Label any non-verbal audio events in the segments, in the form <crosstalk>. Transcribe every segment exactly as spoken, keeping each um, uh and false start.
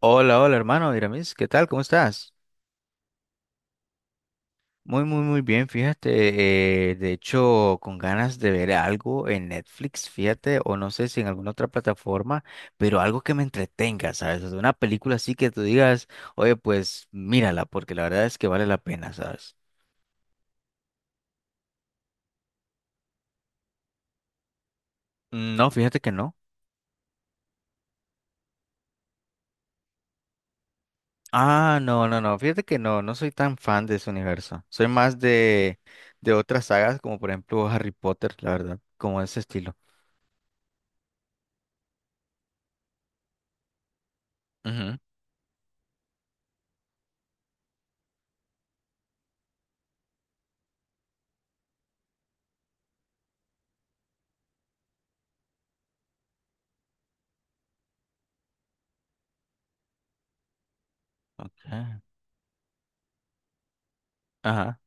Hola, hola hermano Diramis, ¿qué tal? ¿Cómo estás? Muy, muy, muy bien, fíjate, eh, de hecho, con ganas de ver algo en Netflix, fíjate, o no sé si en alguna otra plataforma, pero algo que me entretenga, ¿sabes? O sea, una película así que tú digas, oye, pues mírala, porque la verdad es que vale la pena, ¿sabes? Mm. No, fíjate que no. Ah, no, no, no, fíjate que no, no soy tan fan de ese universo. Soy más de, de otras sagas, como por ejemplo Harry Potter, la verdad, como ese estilo. Ujú. Ok. Ajá.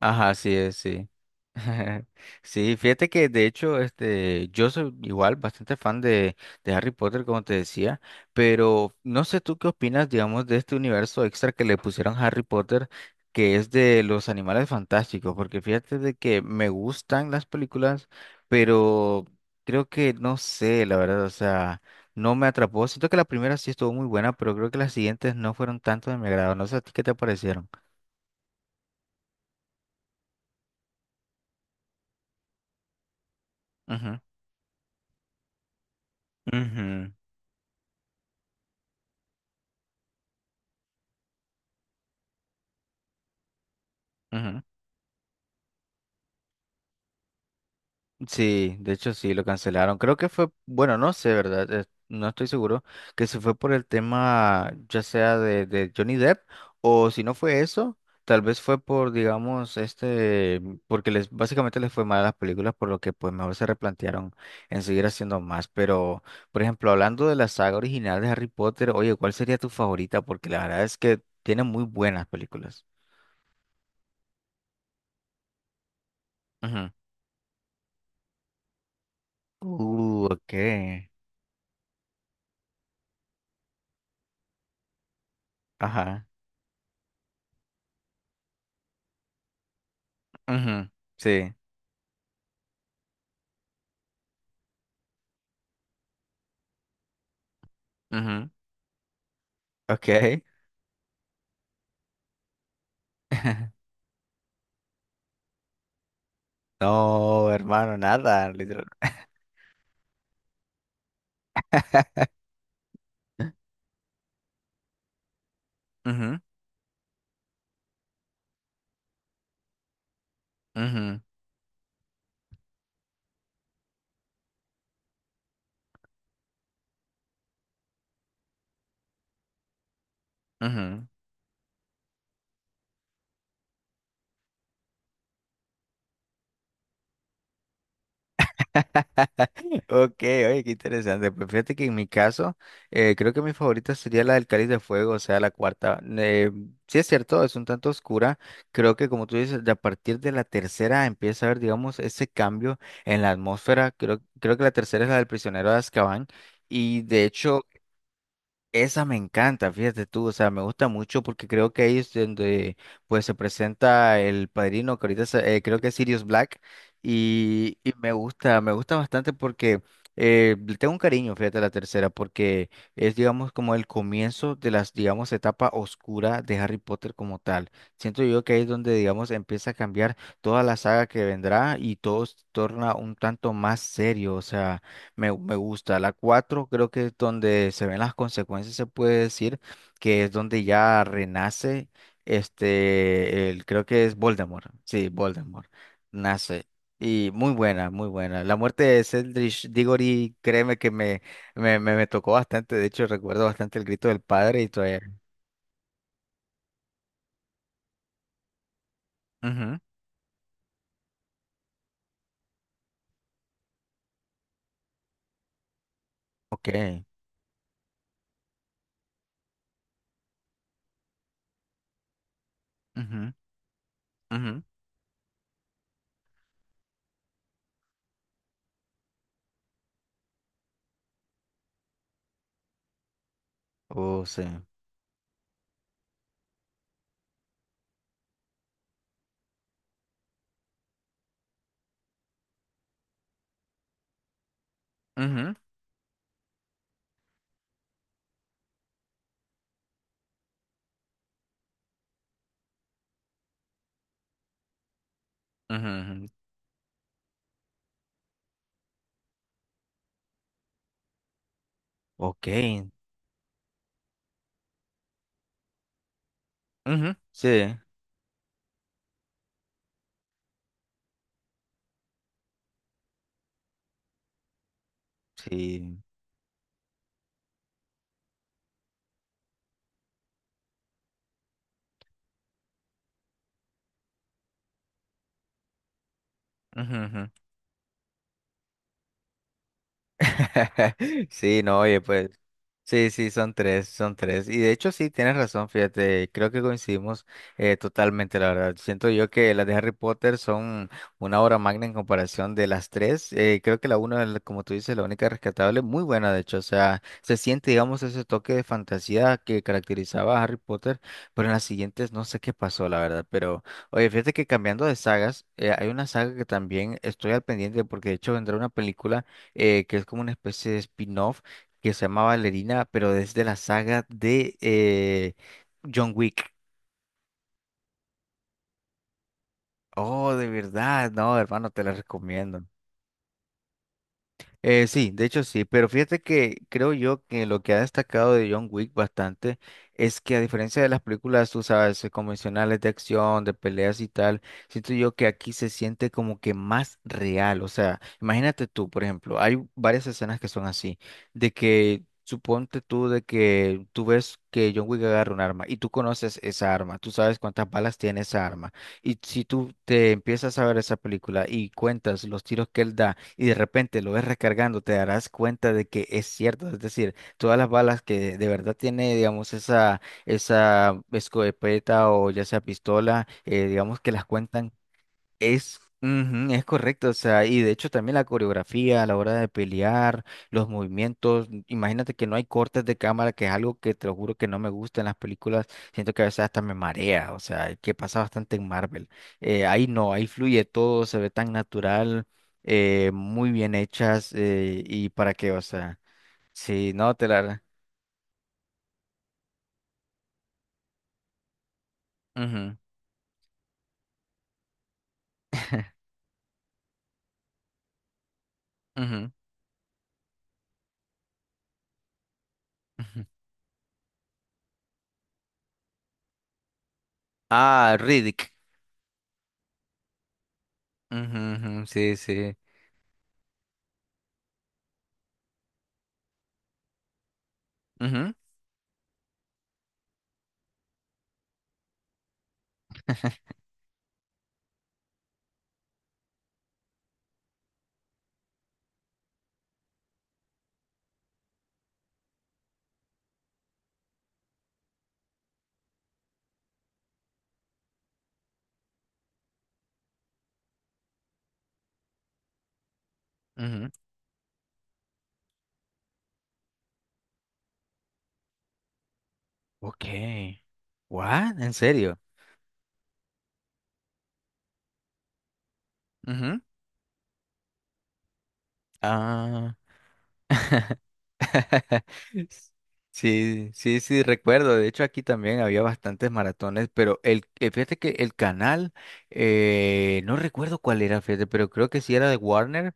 Ajá, sí, es, sí. <laughs> Sí, fíjate que de hecho, este, yo soy igual bastante fan de, de Harry Potter, como te decía, pero no sé tú qué opinas, digamos, de este universo extra que le pusieron a Harry Potter, que es de los animales fantásticos, porque fíjate de que me gustan las películas, pero creo que no sé, la verdad, o sea, no me atrapó. Siento que la primera sí estuvo muy buena, pero creo que las siguientes no fueron tanto de mi agrado. No sé a ti qué te parecieron. Ujú, ujú, ujú. Sí, de hecho sí, lo cancelaron. Creo que fue, bueno, no sé, ¿verdad? Eh, No estoy seguro que se fue por el tema ya sea de, de Johnny Depp o si no fue eso, tal vez fue por, digamos, este, porque les básicamente les fue mal a las películas, por lo que pues mejor se replantearon en seguir haciendo más. Pero, por ejemplo, hablando de la saga original de Harry Potter, oye, ¿cuál sería tu favorita? Porque la verdad es que tiene muy buenas películas. Ujú. Uh, ok. Ajá. Ujú. Sí. Ok. <laughs> No, hermano, nada, literal. Ujú, ujú, ujú. <laughs> Ok, oye, qué interesante. Pues fíjate que en mi caso, eh, creo que mi favorita sería la del Cáliz de Fuego, o sea, la cuarta. Eh, sí es cierto, es un tanto oscura. Creo que como tú dices, de a partir de la tercera empieza a haber, digamos, ese cambio en la atmósfera. Creo, creo que la tercera es la del prisionero de Azkaban. Y de hecho, esa me encanta, fíjate tú, o sea, me gusta mucho porque creo que ahí es donde pues se presenta el padrino, que ahorita se- eh, creo que es Sirius Black, y, y me gusta, me gusta bastante porque eh, le tengo un cariño, fíjate, a la tercera, porque es, digamos, como el comienzo de las, digamos, etapa oscura de Harry Potter como tal. Siento yo que ahí es donde, digamos, empieza a cambiar toda la saga que vendrá y todo se torna un tanto más serio, o sea... Me, me gusta. La cuatro creo que es donde se ven las consecuencias, se puede decir, que es donde ya renace este, el, creo que es Voldemort. Sí, Voldemort. Nace. Y muy buena, muy buena. La muerte de Cedric Diggory, créeme que me, me, me, me tocó bastante. De hecho, recuerdo bastante el grito del padre y todavía. Ujú. Ok. Ujú, ujú. Oh, sí. Ujú, ujú, ujú. Ok. Ujú. Sí. Sí. Ujú, ujú. <laughs> Sí, no, oye, pues. Sí, sí, son tres, son tres. Y de hecho, sí, tienes razón, fíjate, creo que coincidimos eh, totalmente, la verdad. Siento yo que las de Harry Potter son una obra magna en comparación de las tres. Eh, creo que la una, la- como tú dices, la única rescatable, muy buena, de hecho. O sea, se siente, digamos, ese toque de fantasía que caracterizaba a Harry Potter, pero en las siguientes no sé qué pasó, la verdad. Pero, oye, fíjate que cambiando de sagas, eh, hay una saga que también estoy al pendiente porque de hecho vendrá una película eh, que es como una especie de spin-off que se llama Valerina, pero es de la saga de eh, John Wick. Oh, de verdad, no, hermano, te la recomiendo. Eh, sí, de hecho sí, pero fíjate que creo yo que lo que ha destacado de John Wick bastante es que a diferencia de las películas, tú sabes, eh, convencionales de acción, de peleas y tal, siento yo que aquí se siente como que más real, o sea, imagínate tú, por ejemplo, hay varias escenas que son así, de que suponte tú de que tú ves que John Wick agarra un arma y tú conoces esa arma, tú sabes cuántas balas tiene esa arma. Y si tú te empiezas a ver esa película y cuentas los tiros que él da y de repente lo ves recargando, te darás cuenta de que es cierto. Es decir, todas las balas que de verdad tiene, digamos, esa, esa escopeta o ya sea pistola, eh, digamos que las cuentan es, ujú, es correcto, o sea, y de hecho también la coreografía a la hora de pelear, los movimientos, imagínate que no hay cortes de cámara, que es algo que te lo juro que no me gusta en las películas, siento que a veces hasta me marea, o sea, que pasa bastante en Marvel. Eh, ahí no, ahí fluye todo, se ve tan natural, eh, muy bien hechas, eh, y para qué, o sea, sí, no, te la... Ujú, ujú, ujú. Ah, Riddick. Ujú, ujú, sí, sí. Ujú, ujú. Ok. ¿What? ¿En serio? Ujú. Ah. <laughs> Sí, sí, sí, recuerdo. De hecho, aquí también había bastantes maratones, pero el, eh, fíjate que el canal, eh, no recuerdo cuál era, fíjate, pero creo que sí era de Warner.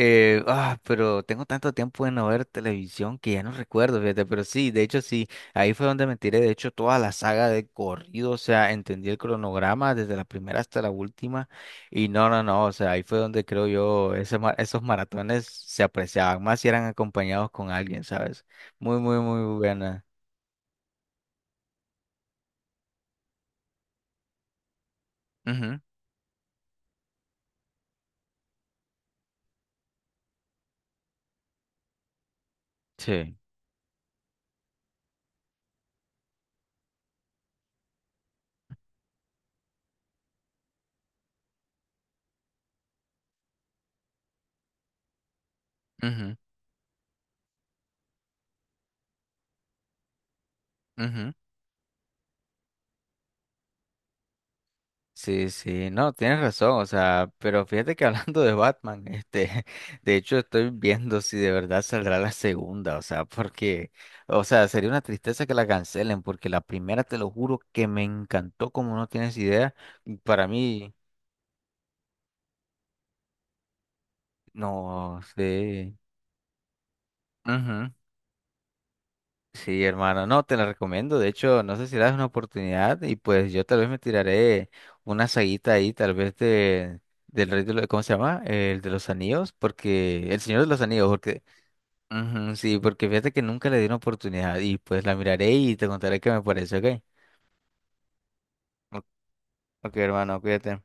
Eh, ah, pero tengo tanto tiempo de no ver televisión que ya no recuerdo, fíjate, pero sí, de hecho sí, ahí fue donde me tiré, de hecho, toda la saga de corrido, o sea, entendí el cronograma desde la primera hasta la última. Y no, no, no, o sea, ahí fue donde creo yo, ese ma- esos maratones se apreciaban más si eran acompañados con alguien, ¿sabes? Muy, muy, muy buena. Ujú, sí, ujú, ujú. Sí, sí, no, tienes razón, o sea, pero fíjate que <laughs> hablando de Batman, este, <laughs> de hecho estoy viendo si de verdad saldrá la segunda, o sea, porque, o sea, sería una tristeza que la cancelen, porque la primera, te lo juro, que me encantó como no tienes idea, y para mí, no sé. Sí, hermano, no, te la recomiendo. De hecho, no sé si le das una oportunidad y pues yo tal vez me tiraré una saguita ahí, tal vez de del rey de los, ¿cómo se llama? El de los anillos, porque el señor de los anillos, porque ujú, sí, porque fíjate que nunca le di una oportunidad y pues la miraré y te contaré qué me parece, ¿ok? Ok, hermano, cuídate.